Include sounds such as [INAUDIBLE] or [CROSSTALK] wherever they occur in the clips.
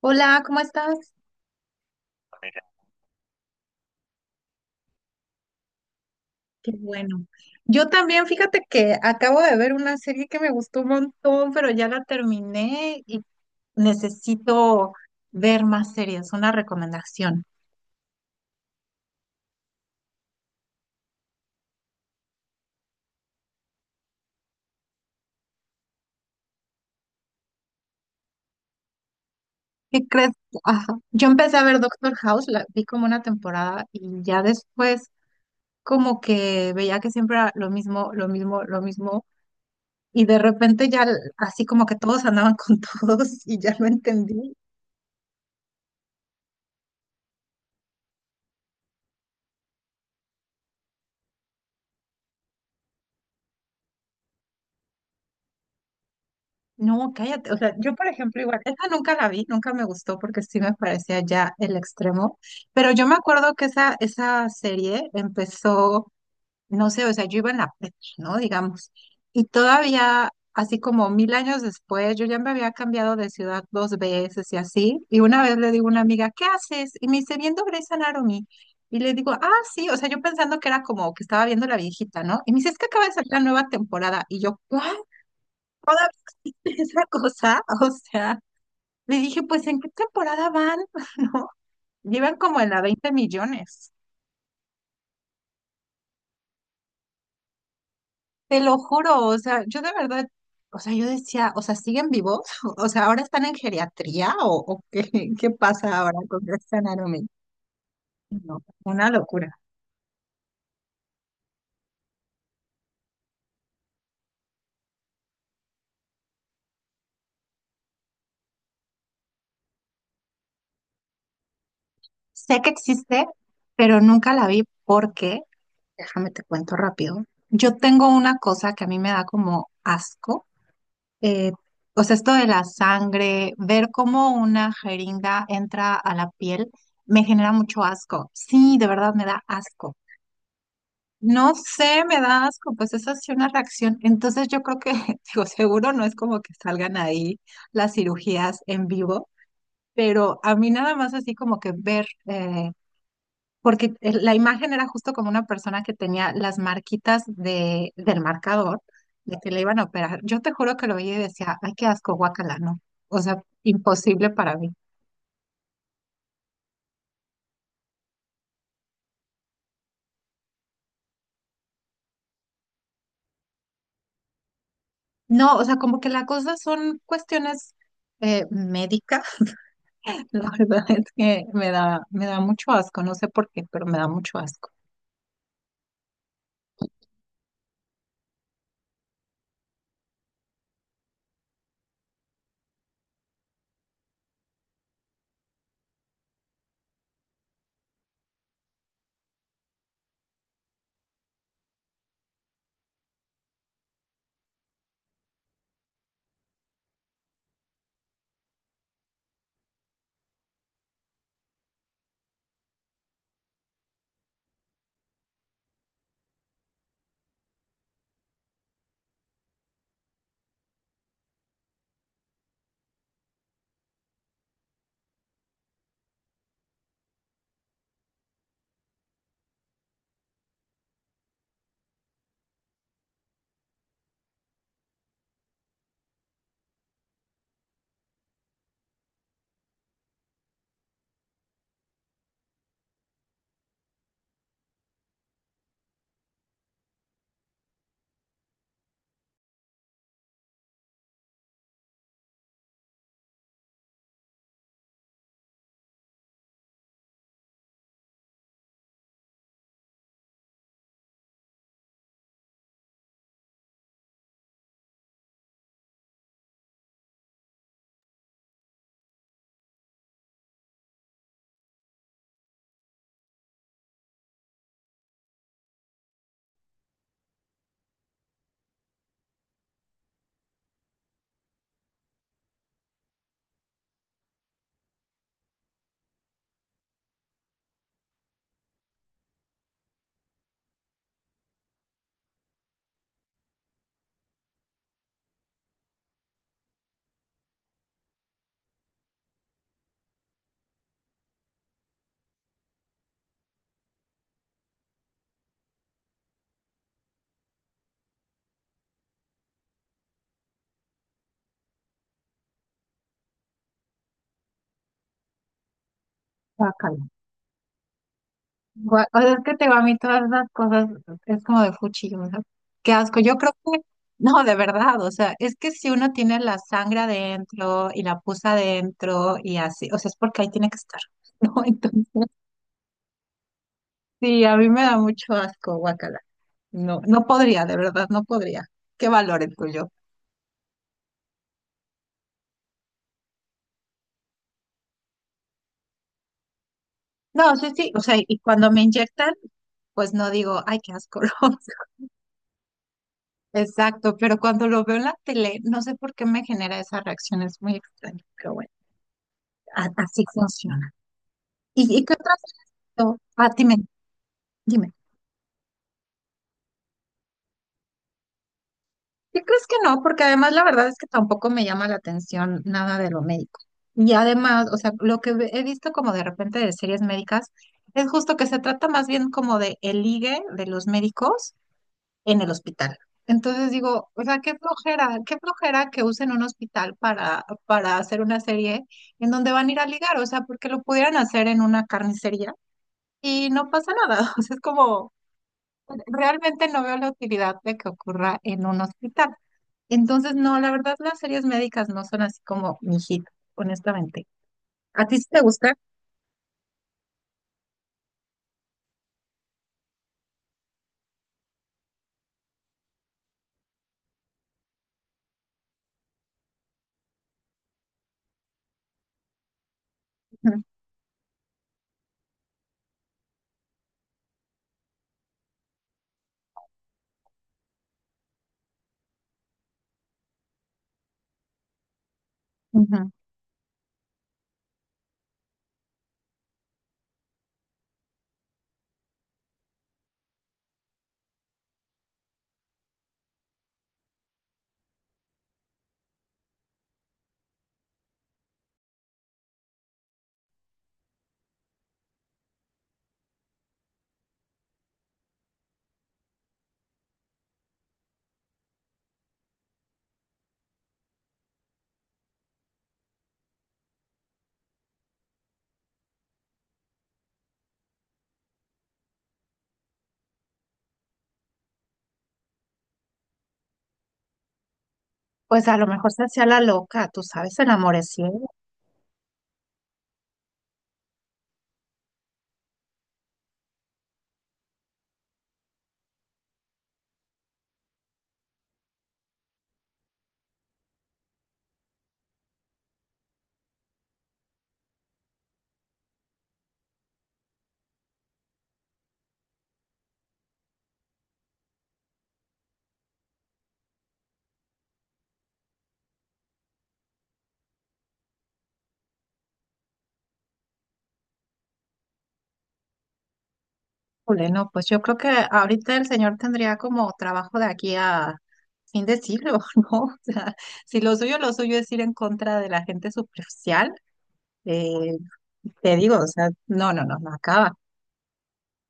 Hola, ¿cómo estás? Qué bueno. Yo también, fíjate que acabo de ver una serie que me gustó un montón, pero ya la terminé y necesito ver más series, una recomendación. ¿Qué crees? Ajá. Yo empecé a ver Doctor House, la vi como una temporada y ya después como que veía que siempre era lo mismo, lo mismo, lo mismo y de repente así como que todos andaban con [LAUGHS] todos y ya lo entendí. No, cállate. O sea, yo, por ejemplo, igual, esa nunca la vi, nunca me gustó porque sí me parecía ya el extremo. Pero yo me acuerdo que esa serie empezó, no sé, o sea, yo iba en la prepa, ¿no? Digamos. Y todavía, así como mil años después, yo ya me había cambiado de ciudad dos veces y así. Y una vez le digo a una amiga, ¿qué haces? Y me dice, viendo Grey's Anatomy. Y le digo, ah, sí, o sea, yo pensando que era como que estaba viendo la viejita, ¿no? Y me dice, es que acaba de salir la nueva temporada. Y yo, ¿cuál? [LAUGHS] esa cosa, o sea, le dije, pues, ¿en qué temporada van? [LAUGHS] ¿No? Llevan como en la 20 millones. Te lo juro, o sea, yo de verdad, o sea, yo decía, o sea, ¿siguen vivos? [LAUGHS] O sea, ¿ahora están en geriatría o qué, [LAUGHS] qué pasa ahora con Grey's Anatomy? No, una locura. Sé que existe, pero nunca la vi porque, déjame te cuento rápido, yo tengo una cosa que a mí me da como asco, eh, o sea, esto de la sangre, ver cómo una jeringa entra a la piel, me genera mucho asco. Sí, de verdad me da asco. No sé, me da asco, pues esa es una reacción. Entonces yo creo que, [LAUGHS] digo, seguro no es como que salgan ahí las cirugías en vivo, pero a mí nada más así como que ver, porque la imagen era justo como una persona que tenía las marquitas de, del marcador de que le iban a operar. Yo te juro que lo veía y decía, ay, qué asco, guácala, no. O sea, imposible para mí. No, o sea, como que la cosa son cuestiones médicas. [LAUGHS] La verdad es que me da mucho asco, no sé por qué, pero me da mucho asco. Guácala. O sea, es que te digo, a mí todas esas cosas es como de fuchi, o sea, qué asco. Yo creo que, no, de verdad, o sea, es que si uno tiene la sangre adentro y la pus adentro y así, o sea, es porque ahí tiene que estar, [LAUGHS] ¿no? Entonces, sí, a mí me da mucho asco, guacala. No, no podría, de verdad, no podría. Qué valor el tuyo. No, sí, sí, o sea, y cuando me inyectan, pues no digo, ay, qué asco, [LAUGHS] ¿no? Exacto, pero cuando lo veo en la tele, no sé por qué me genera esas reacciones muy extrañas, pero bueno. Así funciona. Y qué otras? No, ah, dime, dime. ¿Qué crees que no? Porque además la verdad es que tampoco me llama la atención nada de lo médico. Y además, o sea, lo que he visto como de repente de series médicas es justo que se trata más bien como de el ligue de los médicos en el hospital. Entonces digo, o sea, qué flojera que usen un hospital para hacer una serie en donde van a ir a ligar, o sea, porque lo pudieran hacer en una carnicería y no pasa nada. [LAUGHS] O sea, es como. Realmente no veo la utilidad de que ocurra en un hospital. Entonces, no, la verdad, las series médicas no son así como mi hit, honestamente. ¿A ti sí te gusta? Ujú, ujú. Pues a lo mejor se hacía la loca, tú sabes, el amor es ciego. Híjole, no, pues yo creo que ahorita el señor tendría como trabajo de aquí a fin de siglo, [LAUGHS] ¿no? O sea, si lo suyo, lo suyo es ir en contra de la gente superficial, eh, te digo, o sea, no, no, no, no acaba.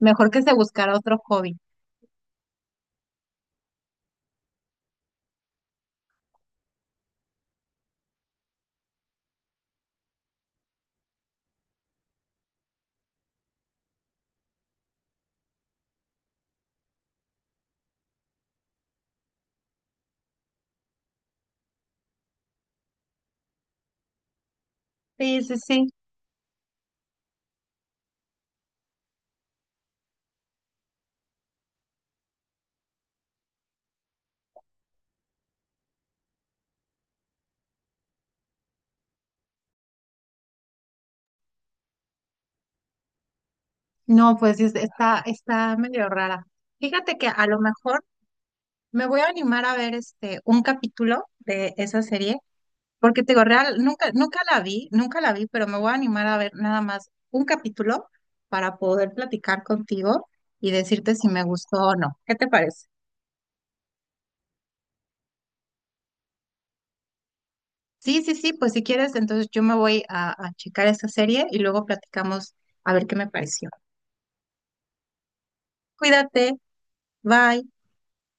Mejor que se buscara otro hobby. Sí, sí, sí. No, pues está, está medio rara. Fíjate que a lo mejor me voy a animar a ver este un capítulo de esa serie, porque te digo, real, nunca, nunca la vi, nunca la vi, pero me voy a animar a ver nada más un capítulo para poder platicar contigo y decirte si me gustó o no. ¿Qué te parece? Sí, sí, sí, pues si quieres, entonces yo me voy a checar esa serie y luego platicamos a ver qué me pareció. Cuídate, bye.